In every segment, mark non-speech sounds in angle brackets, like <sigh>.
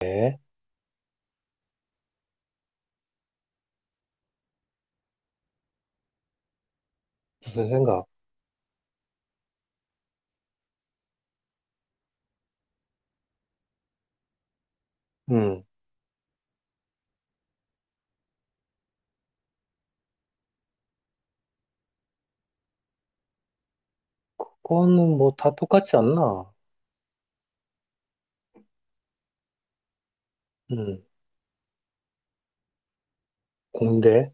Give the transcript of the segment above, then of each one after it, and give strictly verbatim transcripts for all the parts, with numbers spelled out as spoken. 네, 무슨 생각? 음, 그거는 뭐 다 똑같지 않나? 음, 공대?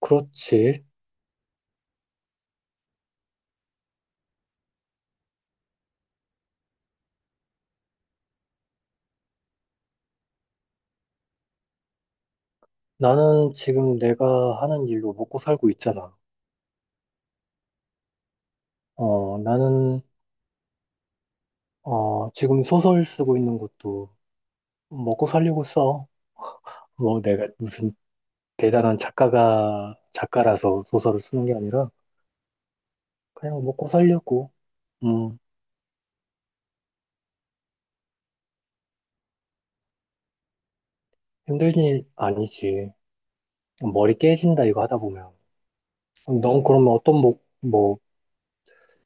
그렇지. 나는 지금 내가 하는 일로 먹고 살고 있잖아. 어, 나는, 어, 지금 소설 쓰고 있는 것도 먹고 살려고 써. 뭐 내가 무슨 대단한 작가가, 작가라서 소설을 쓰는 게 아니라 그냥 먹고 살려고. 음, 힘든 일 아니지. 머리 깨진다 이거 하다 보면. 넌 그러면 어떤 목, 뭐,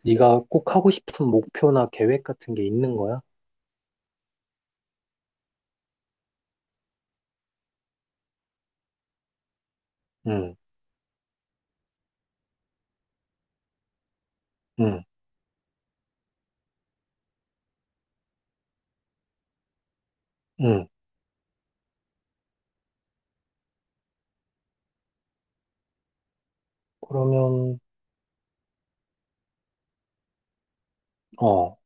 네가 꼭 하고 싶은 목표나 계획 같은 게 있는 거야? 응, 응, 응. 그러면, 어,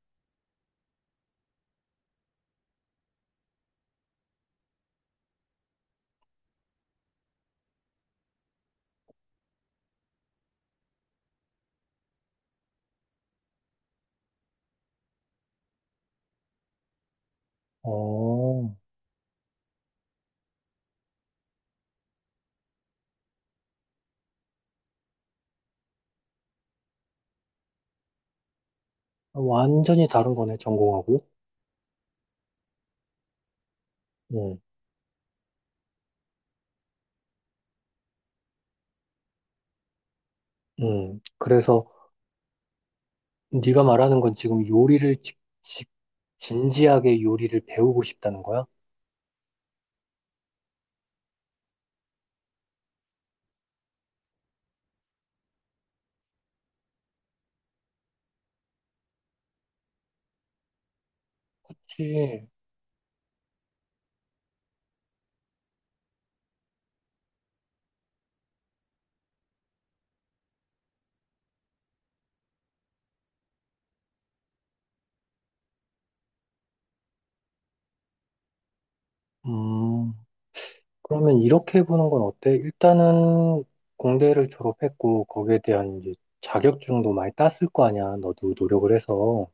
어, 완전히 다른 거네, 전공하고. 응, 응. 그래서 네가 말하는 건 지금 요리를 직, 직, 진지하게 요리를 배우고 싶다는 거야? 그치. 음, 그러면 이렇게 해보는 건 어때? 일단은 공대를 졸업했고, 거기에 대한 이제 자격증도 많이 땄을 거 아니야. 너도 노력을 해서.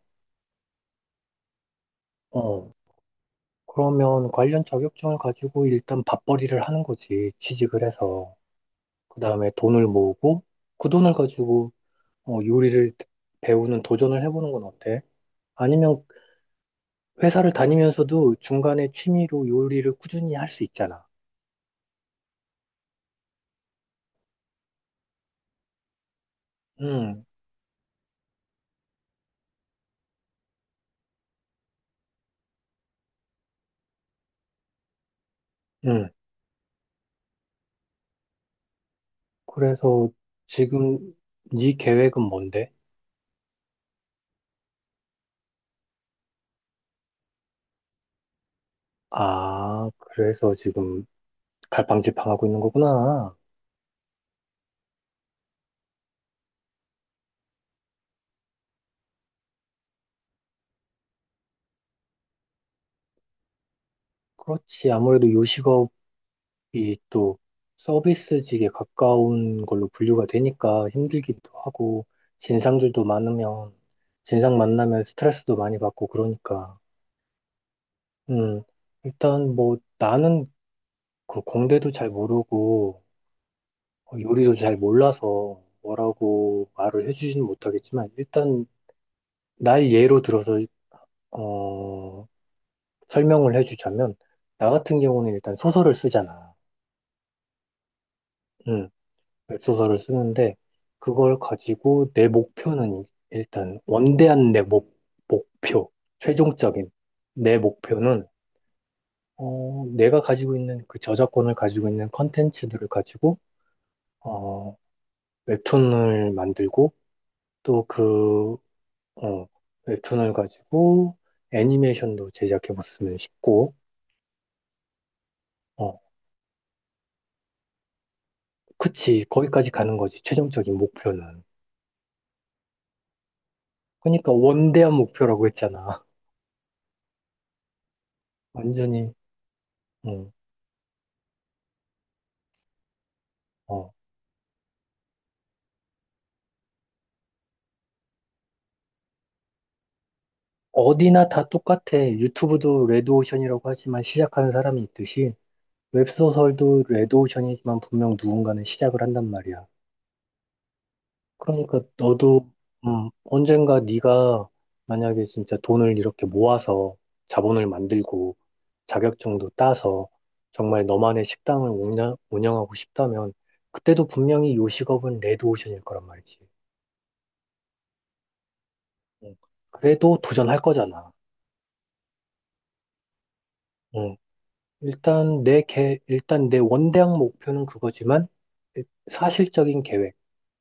어. 그러면 관련 자격증을 가지고 일단 밥벌이를 하는 거지. 취직을 해서. 그 다음에 돈을 모으고 그 돈을 가지고 어, 요리를 배우는 도전을 해보는 건 어때? 아니면 회사를 다니면서도 중간에 취미로 요리를 꾸준히 할 수 있잖아. 음, 음. 그래서 지금 네 계획은 뭔데? 아, 그래서 지금 갈팡질팡하고 있는 거구나. 그렇지. 아무래도 요식업 이 또 서비스직에 가까운 걸로 분류가 되니까 힘들기도 하고, 진상들도 많으면 진상 만나면 스트레스도 많이 받고 그러니까. 음. 일단 뭐 나는 그 공대도 잘 모르고 어, 요리도 잘 몰라서 뭐라고 말을 해주지는 못하겠지만, 일단 날 예로 들어서 어 설명을 해주자면, 나 같은 경우는 일단 소설을 쓰잖아. 음, 웹소설을 쓰는데, 그걸 가지고 내 목표는, 일단 원대한 내 목, 목표, 최종적인 내 목표는, 어, 내가 가지고 있는 그 저작권을 가지고 있는 컨텐츠들을 가지고 어, 웹툰을 만들고, 또 그 어, 웹툰을 가지고 애니메이션도 제작해봤으면 싶고, 어, 그치, 거기까지 가는 거지, 최종적인 목표는. 그러니까 원대한 목표라고 했잖아. <laughs> 완전히. 응, 어, 어디나 다 똑같아. 유튜브도 레드오션이라고 하지만 시작하는 사람이 있듯이, 웹소설도 레드오션이지만 분명 누군가는 시작을 한단 말이야. 그러니까 너도, 음, 언젠가 네가 만약에 진짜 돈을 이렇게 모아서 자본을 만들고 자격증도 따서 정말 너만의 식당을 운영, 운영하고 싶다면, 그때도 분명히 요식업은 레드오션일 거란 말이지. 응. 그래도 도전할 거잖아. 응. 일단 내 계, 일단 내 원대학 목표는 그거지만, 사실적인 계획,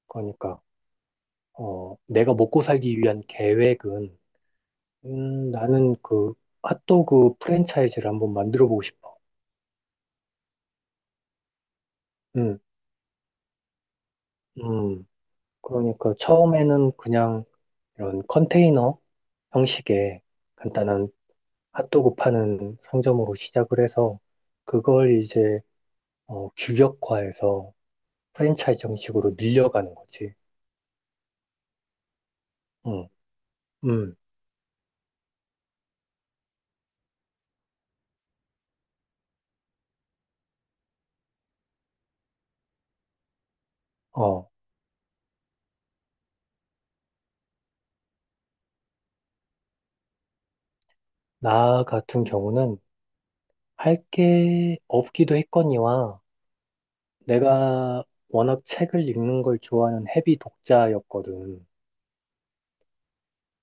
그러니까 어, 내가 먹고 살기 위한 계획은, 음, 나는 그 핫도그 프랜차이즈를 한번 만들어 보고 싶어. 음, 음. 그러니까 처음에는 그냥 이런 컨테이너 형식의 간단한 핫도그 파는 상점으로 시작을 해서, 그걸 이제 어, 규격화해서 프랜차이즈 형식으로 늘려가는 거지. 음, 음. 어. 나 같은 경우는 할 게 없기도 했거니와 내가 워낙 책을 읽는 걸 좋아하는 헤비 독자였거든.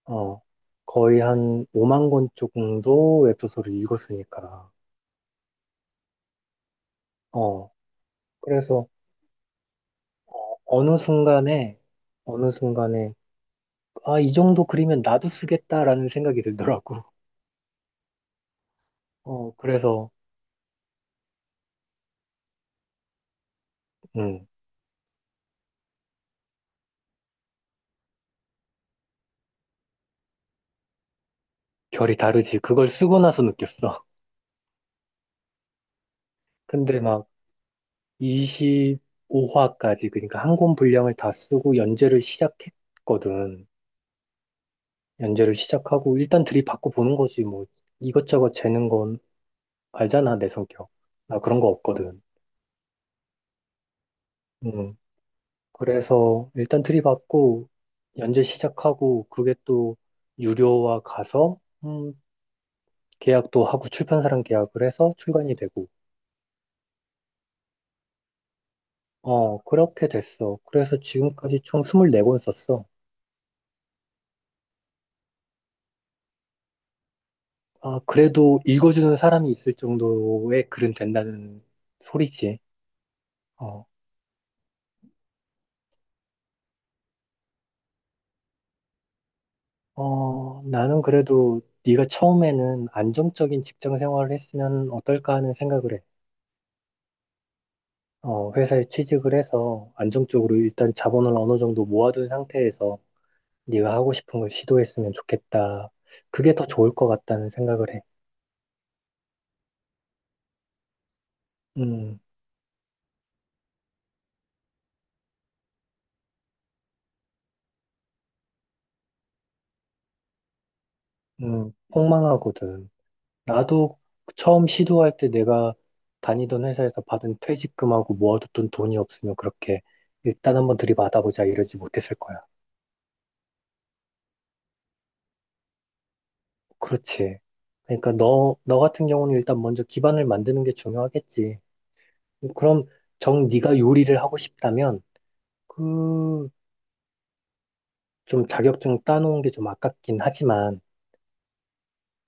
어, 거의 한 오만 권 정도 웹소설을 읽었으니까. 어, 그래서 어느 순간에, 어느 순간에, 아, 이 정도 그리면 나도 쓰겠다라는 생각이 들더라고. 어, 그래서, 음, 결이 다르지. 그걸 쓰고 나서 느꼈어. <laughs> 근데 막, 이십오 화까지, 그러니까 한 권 분량을 다 쓰고 연재를 시작했거든. 연재를 시작하고 일단 들이받고 보는 거지 뭐. 이것저것 재는 건, 알잖아 내 성격. 나 그런 거 없거든. 음. 그래서 일단 들이받고 연재 시작하고, 그게 또 유료화 가서, 음, 계약도 하고 출판사랑 계약을 해서 출간이 되고. 어, 그렇게 됐어. 그래서 지금까지 총 이십사 권 썼어. 아, 그래도 읽어주는 사람이 있을 정도의 글은 된다는 소리지. 어, 어, 나는 그래도 네가 처음에는 안정적인 직장 생활을 했으면 어떨까 하는 생각을 해. 어, 회사에 취직을 해서 안정적으로 일단 자본을 어느 정도 모아둔 상태에서 네가 하고 싶은 걸 시도했으면 좋겠다. 그게 더 좋을 것 같다는 생각을 해. 음, 음, 폭망하거든. 나도 처음 시도할 때 내가 다니던 회사에서 받은 퇴직금하고 모아뒀던 돈이 없으면 그렇게 일단 한번 들이받아보자 이러지 못했을 거야. 그렇지. 그러니까 너, 너 같은 경우는 일단 먼저 기반을 만드는 게 중요하겠지. 그럼 정 네가 요리를 하고 싶다면, 그 좀 자격증 따놓은 게 좀 아깝긴 하지만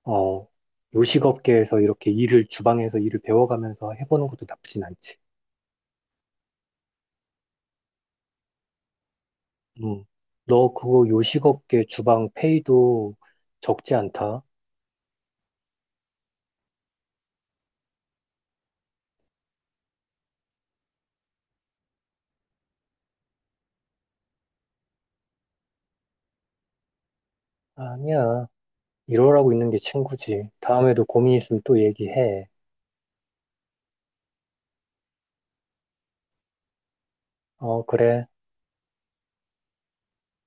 어 요식업계에서 이렇게 일을, 주방에서 일을 배워가면서 해보는 것도 나쁘진 않지. 음. 너 그거 요식업계 주방 페이도 적지 않다? 아니야. 이러라고 있는 게 친구지. 다음에도 고민 있으면 또 얘기해. 어, 그래.